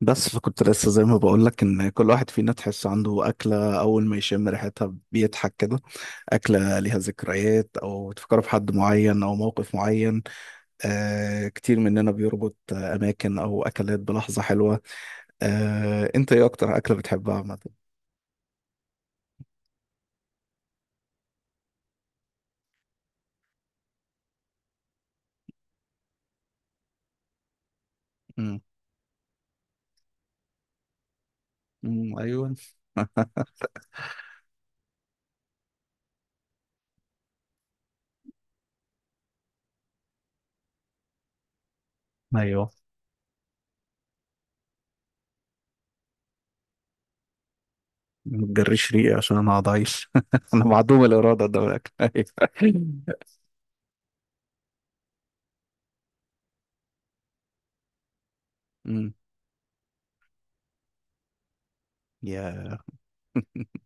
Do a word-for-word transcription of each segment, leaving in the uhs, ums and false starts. بس فكنت لسه زي ما بقول لك، ان كل واحد فينا تحس عنده اكله، اول ما يشم ريحتها بيضحك كده. اكله ليها ذكريات، او تفكر في حد معين او موقف معين. آه، كتير مننا بيربط آه، اماكن او اكلات بلحظه حلوه. آه، انت ايه اكتر اكله بتحبها عامه؟ أمم. أمم، ايوه. ايوه، ما تجريش ريقي عشان انا هقعد اعيش انا معدوم الاراده ده من الاكل، أيوة. أمم، يا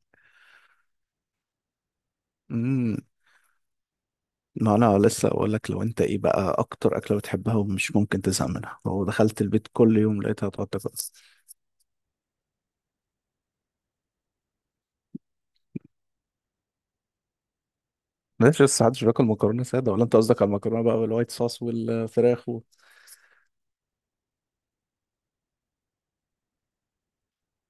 مم. ما انا لسه اقول لك، لو انت ايه بقى اكتر اكله بتحبها ومش ممكن تزهق منها، لو دخلت البيت كل يوم لقيتها تقعد تاكل؟ ماشي، لسه محدش بياكل مكرونه ساده؟ ولا انت قصدك على المكرونه بقى والوايت صوص والفراخ و...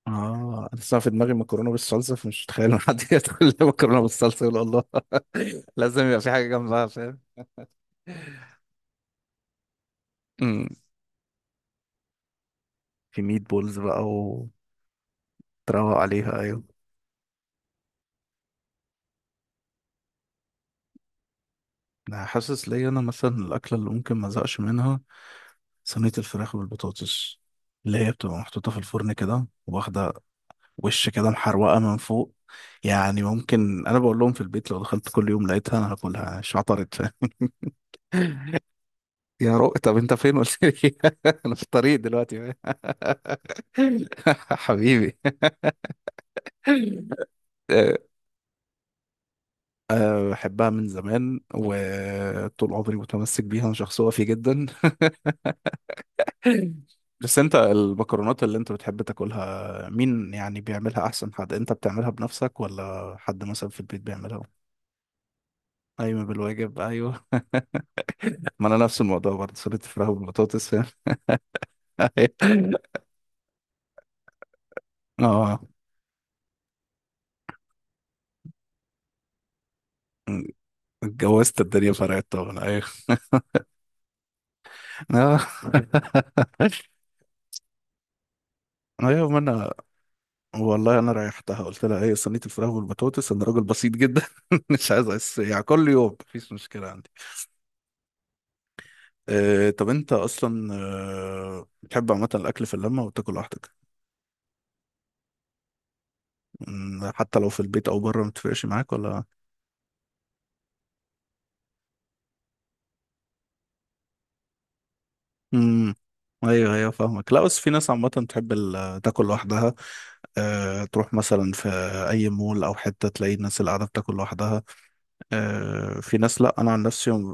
اه، انا لسه في دماغي مكرونه بالصلصه، فمش متخيل إن حد ياكل مكرونه بالصلصه يقول الله. لازم يبقى في حاجه جنبها، فاهم؟ أمم. في ميت بولز بقى وتروق عليها، ايوه. انا حاسس ليا انا مثلا، الاكله اللي ممكن ما ازهقش منها صينية الفراخ بالبطاطس، اللي هي بتبقى محطوطة في الفرن كده واخدة وش كده، محروقة من فوق. يعني ممكن، أنا بقول لهم في البيت، لو دخلت كل يوم لقيتها أنا هاكلها مش عطرت. يا رو، طب أنت فين قلت لي؟ أنا في الطريق دلوقتي. حبيبي. أه، أه، بحبها من زمان وطول عمري متمسك بيها، أنا شخص وفي جدا. بس انت المكرونات اللي انت بتحب تاكلها، مين يعني بيعملها احسن، حد انت بتعملها بنفسك ولا حد مثلا في البيت بيعملها؟ ايوه، بالواجب، ايوه. ما انا نفس الموضوع برضه، صينيه الفراخ بالبطاطس، فاهم؟ اه، اتجوزت الدنيا فرقت طبعا، ايوه. اه. ايوه، ما انا والله، انا ريحتها قلت لها ايه، صينيه الفراخ والبطاطس، انا راجل بسيط جدا. مش عايز أعيش- يعني كل يوم مفيش مشكله عندي. آه، طب انت اصلا آه، بتحب عامه الاكل في اللمه وتاكل لوحدك؟ مم، حتى لو في البيت او بره ما بتفرقش معاك ولا؟ امم ايوه، ايوه، فاهمك، لا بس في ناس عامه تحب ال- تاكل لوحدها. أه، تروح مثلا في اي مول او حته، تلاقي الناس اللي قاعده بتاكل لوحدها. أه، في ناس، لا انا عن نفسي يوم-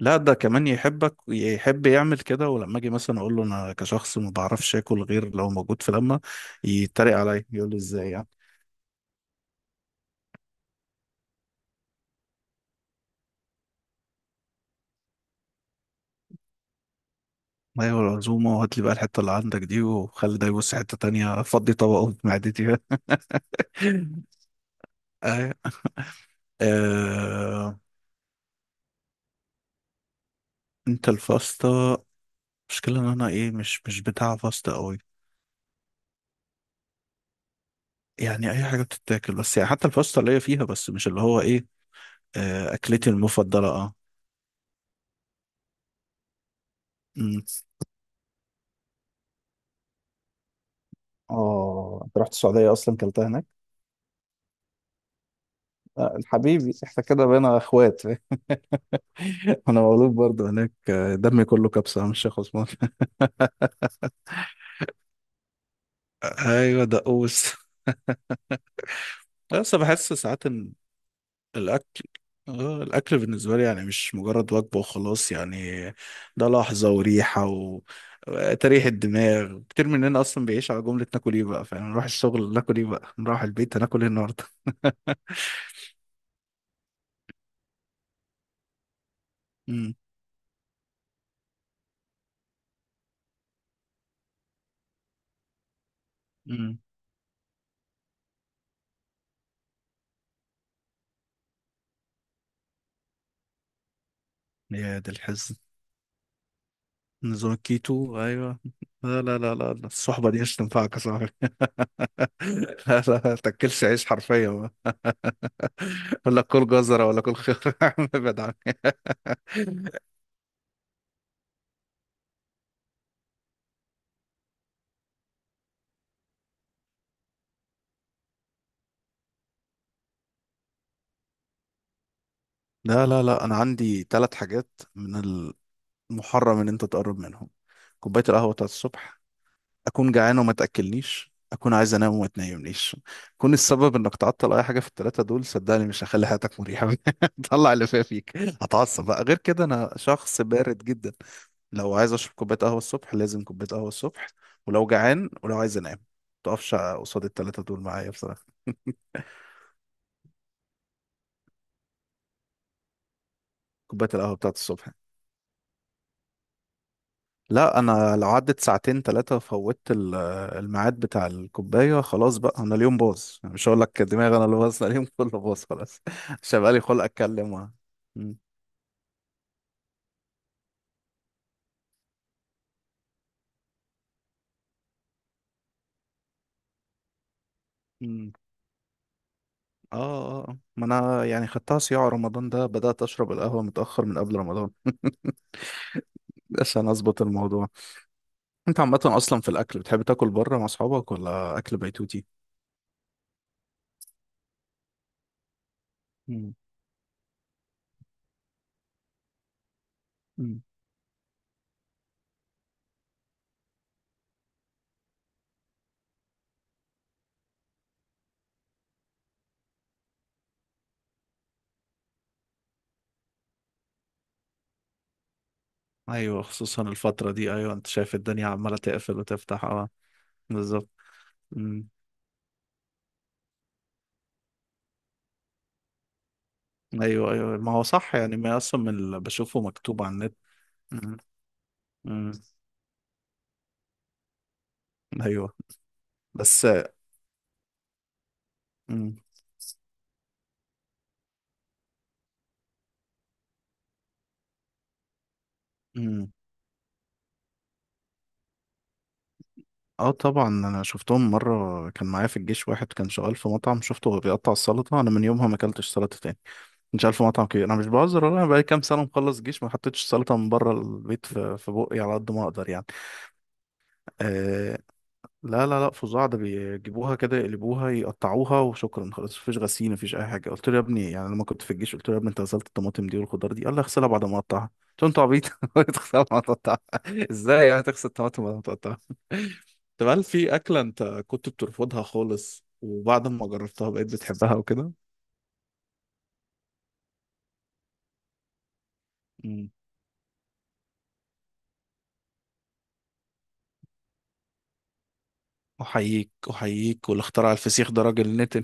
لا ده كمان يحبك يحب يعمل كده، ولما اجي مثلا اقول له انا كشخص ما بعرفش اكل غير لو موجود في لمه، يتريق عليا يقول لي ازاي. ايوه، العزومه، وهات لي بقى الحته اللي عندك دي وخلي ده يبص حته تانية، فضي طبقه في معدتي. أيوة. آه... انت الفاستا؟ مشكلة ان انا ايه، مش مش بتاع فاستا قوي. يعني اي حاجة بتتاكل، بس يعني حتى الفاستا اللي هي فيها، بس مش اللي هو ايه. آه... اكلتي المفضلة، اه. أمم. اه، انت رحت السعودية اصلا كلتها هناك؟ آه، حبيبي، احنا كده بقينا اخوات. انا مولود برضه هناك، آه، دمي كله كبسة مش خصمان. ايوه، دقوس. بس بحس ساعات الأكل آه الأكل بالنسبة لي يعني مش مجرد وجبة وخلاص يعني. ده لحظة وريحة و... وتريح الدماغ، كتير مننا أصلا بيعيش على جملة ناكل إيه بقى، فاهم، نروح الشغل ناكل إيه بقى، نروح البيت هناكل إيه النهاردة. امم، امم، يا ده الحزن. نظام الكيتو، أيوه. لا، لا، لا، لا، لا، الصحبة دي مش تنفعك يا صاحبي. لا، لا، ما تاكلش عيش حرفيا. ولا كل جزرة، ولا كل خيار. ابعد عنها. لا، لا، لا، انا عندي ثلاث حاجات، من محرم ان انت تقرب منهم: كوبايه القهوه بتاعت الصبح، اكون جعان وما تاكلنيش، اكون عايز انام وما تنيمنيش. كون السبب انك تعطل اي حاجه في الثلاثه دول، صدقني مش هخلي حياتك مريحه. طلع اللي فيها فيك، هتعصب بقى، غير كده انا شخص بارد جدا. لو عايز اشرب كوبايه قهوه الصبح، لازم كوبايه قهوه الصبح. ولو جعان، ولو عايز انام، متقفش قصاد الثلاثه دول معايا بصراحه. كوبايه القهوه بتاعت الصبح، لا انا لو عدت ساعتين ثلاثه فوتت ال- الميعاد بتاع الكوبايه، خلاص بقى انا اليوم باظ. أنا مش هقول لك دماغي انا اللي باظ، لا، اليوم كله باظ خلاص. مش هيبقى لي خلق اتكلم و- مم. مم. اه، آه، آه. ما انا يعني خدتها صياع، رمضان ده بدات اشرب القهوه متاخر من قبل رمضان. عشان اظبط الموضوع. انت عامه اصلا في الاكل بتحب تاكل بره مع اصحابك ولا اكل بيتوتي؟ مم. مم. ايوه، خصوصا الفتره دي، ايوه، انت شايف الدنيا عماله تقفل وتفتح. اه. بالظبط، ايوه، ايوه، ما هو صح يعني، ما اصلا من اللي بشوفه مكتوب على النت. مم. مم. ايوه، بس. مم. مم. اه طبعا، انا شفتهم مره، كان معايا في الجيش واحد كان شغال في مطعم، شفته وهو بيقطع السلطه، انا من يومها ما اكلتش سلطه تاني. كنت شغال في مطعم كبير، انا مش بهزر والله، انا بقالي كام سنه مخلص جيش، ما حطيتش سلطه من بره البيت، في في بقي على قد ما اقدر يعني. آه، لا، لا، لا، فظاع ده، بيجيبوها كده يقلبوها يقطعوها وشكرا، خلاص مفيش غسيل مفيش اي حاجه. قلت له يا ابني، يعني لما كنت في الجيش، قلت له يا ابني انت غسلت الطماطم دي والخضار دي؟ قال لي اغسلها بعد ما اقطعها. قلت له انت عبيط تغسلها بعد ما تقطعها؟ ازاي يعني تغسل الطماطم بعد ما تقطعها؟ طب هل في اكله انت كنت بترفضها خالص وبعد ما جربتها بقيت بتحبها وكده؟ مم. احييك، احييك، واللي اخترع الفسيخ ده راجل نتن.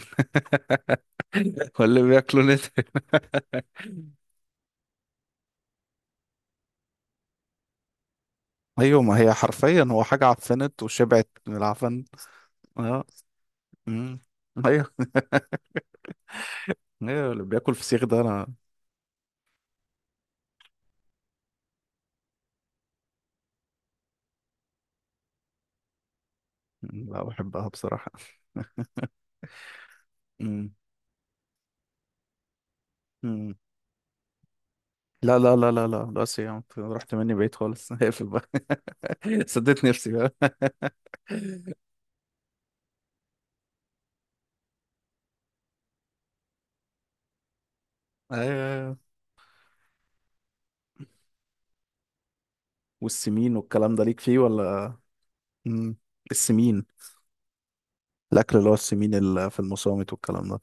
ولا بياكله نتن. ايوه، ما هي حرفيا هو حاجه عفنت وشبعت من العفن، اه. مم. ايوه، ايه اللي بياكل فسيخ ده، انا. لا، بحبها بصراحة. مم. مم. لا، لا، لا، لا، لا، بس يا عم رحت مني بعيد خالص. هقفل بقى. سديت نفسي بقى. ايوه. أيوة. والسمين والكلام ده ليك فيه ولا؟ مم. السمين، الاكل اللي هو السمين اللي في المصامت والكلام ده، انت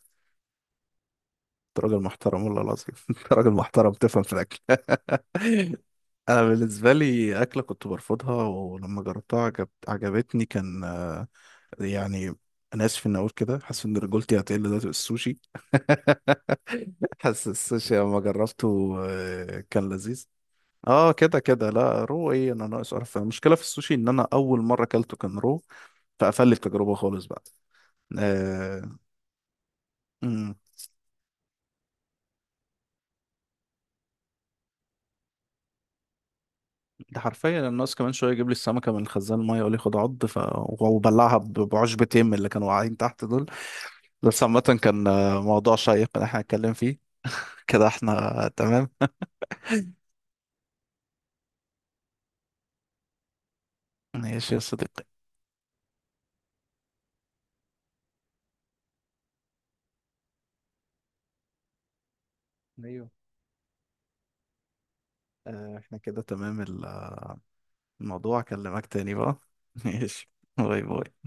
راجل محترم والله العظيم. انت راجل محترم تفهم في الاكل. انا بالنسبه لي اكله كنت برفضها ولما جربتها عجب... عجبتني، كان يعني، انا اسف اني اقول كده، حاسس ان رجولتي هتقل دلوقتي، بالسوشي. حاسس السوشي لما جربته آه، كان لذيذ. اه كده كده، لا رو ايه، انا ناقص اعرف، المشكله في السوشي ان انا اول مره اكلته كان رو، فقفل لي التجربه خالص بقى. آه. أمم. ده حرفيا الناس كمان شويه يجيب لي السمكه من الخزان الميه، يقول لي خد عض، ف... وبلعها ب- بعشبتين من اللي كانوا واقعين تحت دول. بس عامه كان آه، موضوع شيق اللي احنا هنتكلم فيه. كده احنا تمام؟ ماشي يا صديقي، ايوه، آه، احنا كده تمام. الموضوع، اكلمك تاني بقى. ماشي. باي باي.